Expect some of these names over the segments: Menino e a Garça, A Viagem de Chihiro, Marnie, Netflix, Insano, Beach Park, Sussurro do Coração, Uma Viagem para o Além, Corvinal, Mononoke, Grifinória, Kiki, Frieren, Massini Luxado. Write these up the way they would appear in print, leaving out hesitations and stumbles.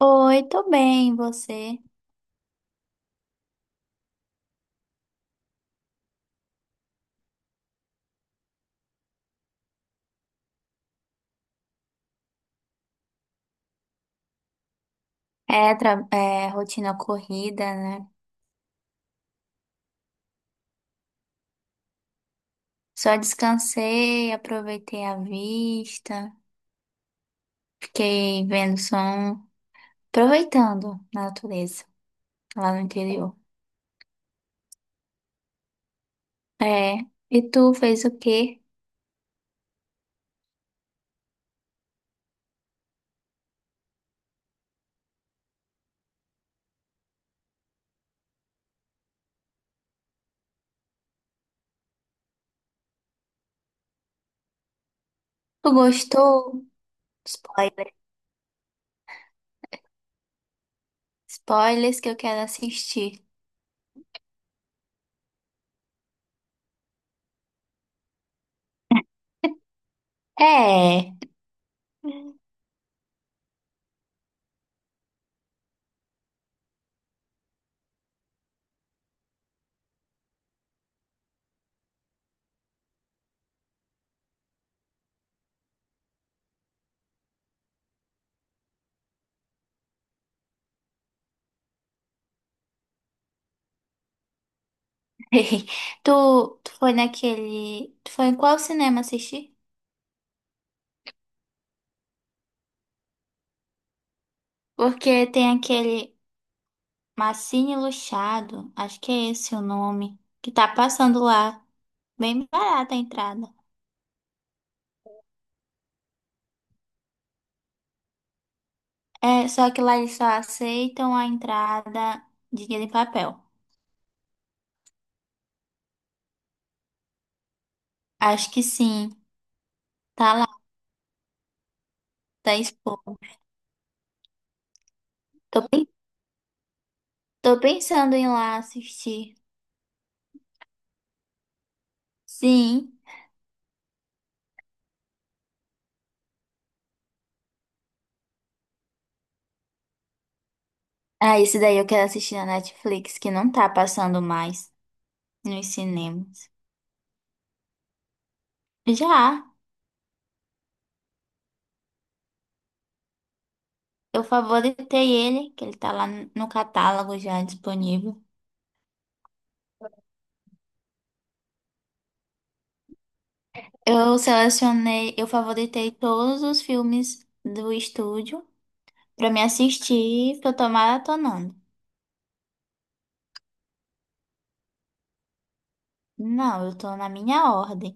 Oi, tô bem, e você? É, é, rotina corrida, né? Só descansei, aproveitei a vista, fiquei vendo som, aproveitando a natureza lá no interior. É, e tu fez o quê? Tu gostou? Spoiler. Spoilers que eu quero assistir. É. Tu, tu foi naquele. Tu foi em qual cinema assistir? Porque tem aquele. Massini Luxado, acho que é esse o nome, que tá passando lá. Bem barata a entrada. É, só que lá eles só aceitam a entrada de dinheiro em papel. Acho que sim. Tá lá, tá exposto. Tô, tô pensando em ir lá assistir. Sim. Ah, esse daí eu quero assistir na Netflix, que não tá passando mais nos cinemas. Já, eu favoritei ele, que ele tá lá no catálogo já disponível. Eu selecionei, eu favoritei todos os filmes do estúdio pra me assistir, que eu tô maratonando. Não, eu tô na minha ordem.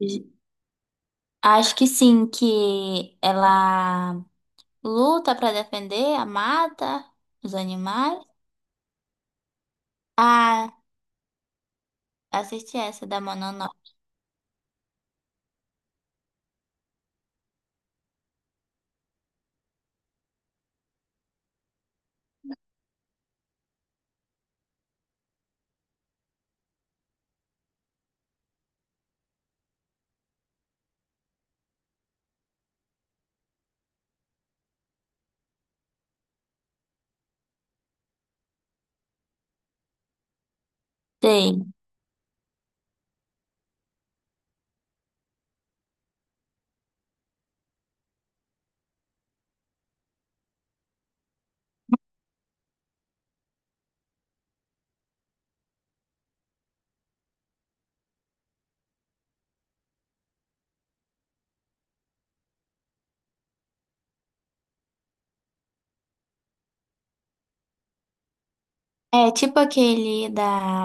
J- Acho que sim, que ela luta pra defender a mata, os animais. Ah, assisti essa da Mononoke. Sei. É tipo aquele da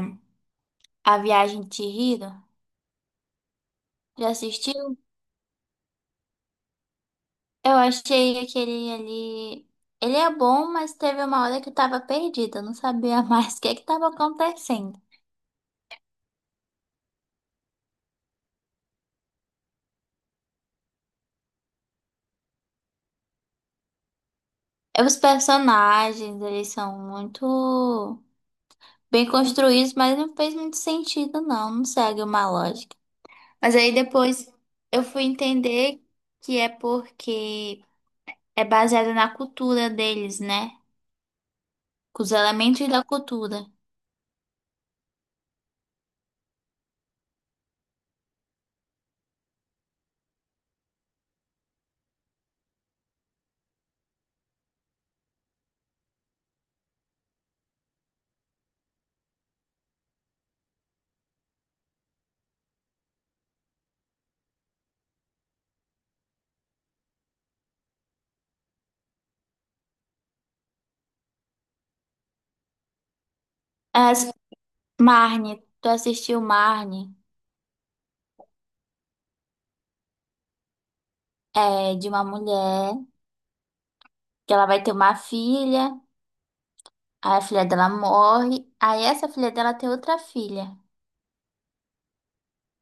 A Viagem de Chihiro. Já assisti? Eu achei aquele ali. Ele é bom, mas teve uma hora que eu tava perdida, eu não sabia mais o que é que tava acontecendo. É, os personagens, eles são muito bem construídos, mas não fez muito sentido, não, não segue uma lógica. Mas aí depois eu fui entender que é porque é baseado na cultura deles, né? Com os elementos da cultura. As Marnie, tu assistiu Marnie? É, de uma mulher. Que ela vai ter uma filha, aí a filha dela morre, aí essa filha dela tem outra filha.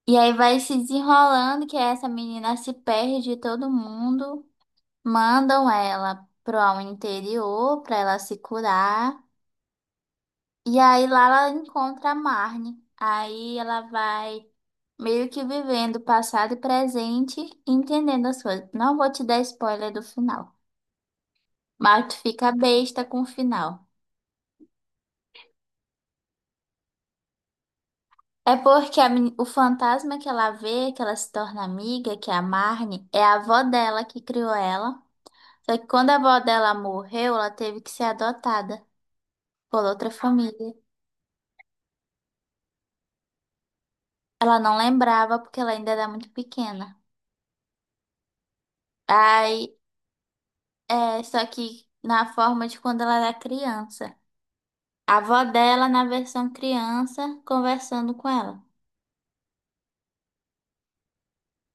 E aí vai se desenrolando que essa menina se perde, todo mundo mandam ela pro ao interior pra ela se curar. E aí lá ela encontra a Marne. Aí ela vai meio que vivendo passado e presente, entendendo as coisas. Não vou te dar spoiler do final, mas tu fica besta com o final. É porque a o fantasma que ela vê, que ela se torna amiga, que é a Marne, é a avó dela que criou ela. Só que quando a avó dela morreu, ela teve que ser adotada por outra família. Ela não lembrava porque ela ainda era muito pequena. Aí, é, só que na forma de quando ela era criança. A avó dela na versão criança conversando com ela.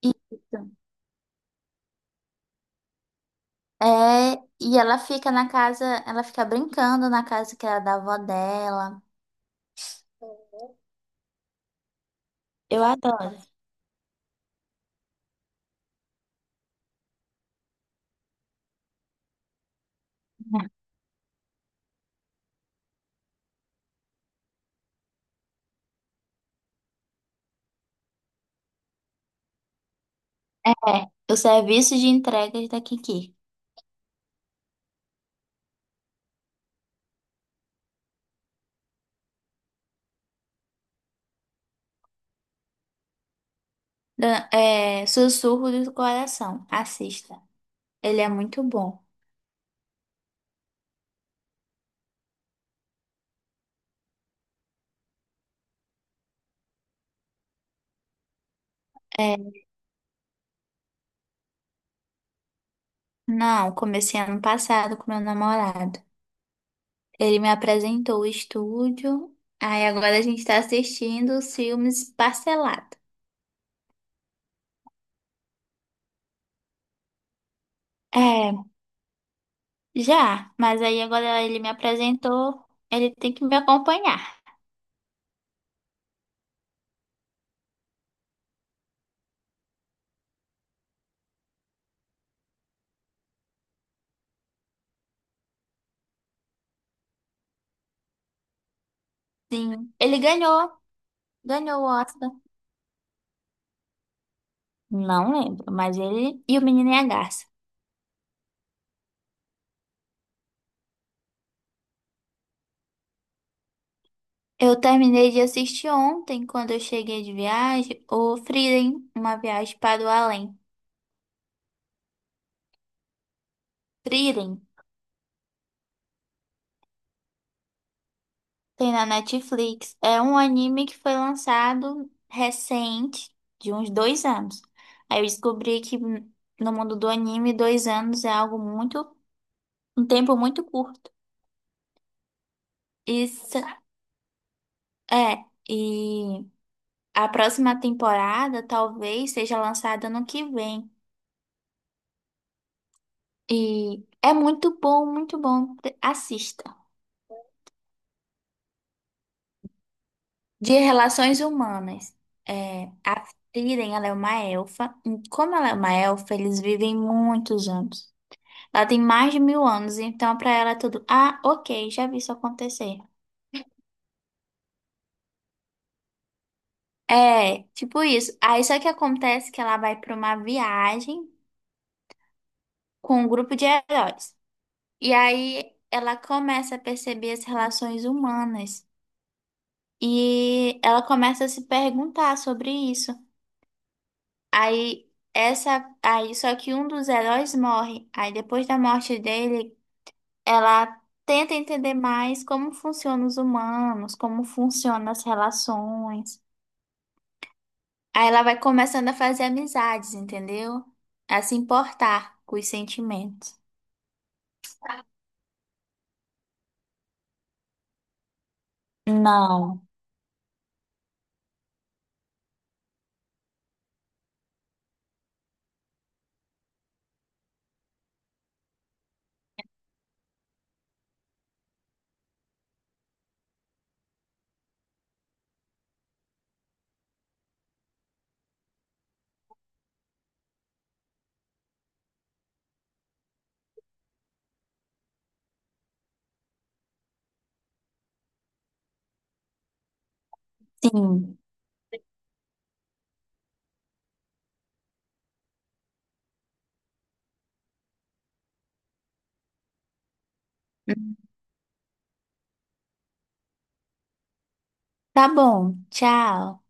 Isso. É, e ela fica na casa, ela fica brincando na casa que era da avó dela. Eu adoro. É, o serviço de entregas da Kiki. Da- é, Sussurro do Coração. Assista. Ele é muito bom. É, não, comecei ano passado com meu namorado. Ele me apresentou o estúdio. Aí agora a gente tá assistindo os filmes parcelado. É, já, mas aí agora ele me apresentou. Ele tem que me acompanhar. Sim, ele ganhou. Ganhou o Oscar. Não lembro, mas ele e o Menino e a Garça. Eu terminei de assistir ontem, quando eu cheguei de viagem, o Frieren, Uma Viagem para o Além. Frieren tem na Netflix. É um anime que foi lançado recente, de uns 2 anos. Aí eu descobri que no mundo do anime, 2 anos é algo muito, um tempo muito curto. Isso é. E a próxima temporada talvez seja lançada no que vem. E é muito bom, muito bom. Assista. De relações humanas, é, a Frieren, ela é uma elfa. E como ela é uma elfa, eles vivem muitos anos. Ela tem mais de 1000 anos, então pra ela é tudo. Ah, ok, já vi isso acontecer. É, tipo isso. Aí só que acontece que ela vai pra uma viagem com um grupo de heróis. E aí ela começa a perceber as relações humanas. E ela começa a se perguntar sobre isso. Aí essa aí só que um dos heróis morre. Aí depois da morte dele, ela tenta entender mais como funcionam os humanos, como funcionam as relações. Aí ela vai começando a fazer amizades, entendeu? A se importar com os sentimentos. Não, sim. Tá bom, tchau.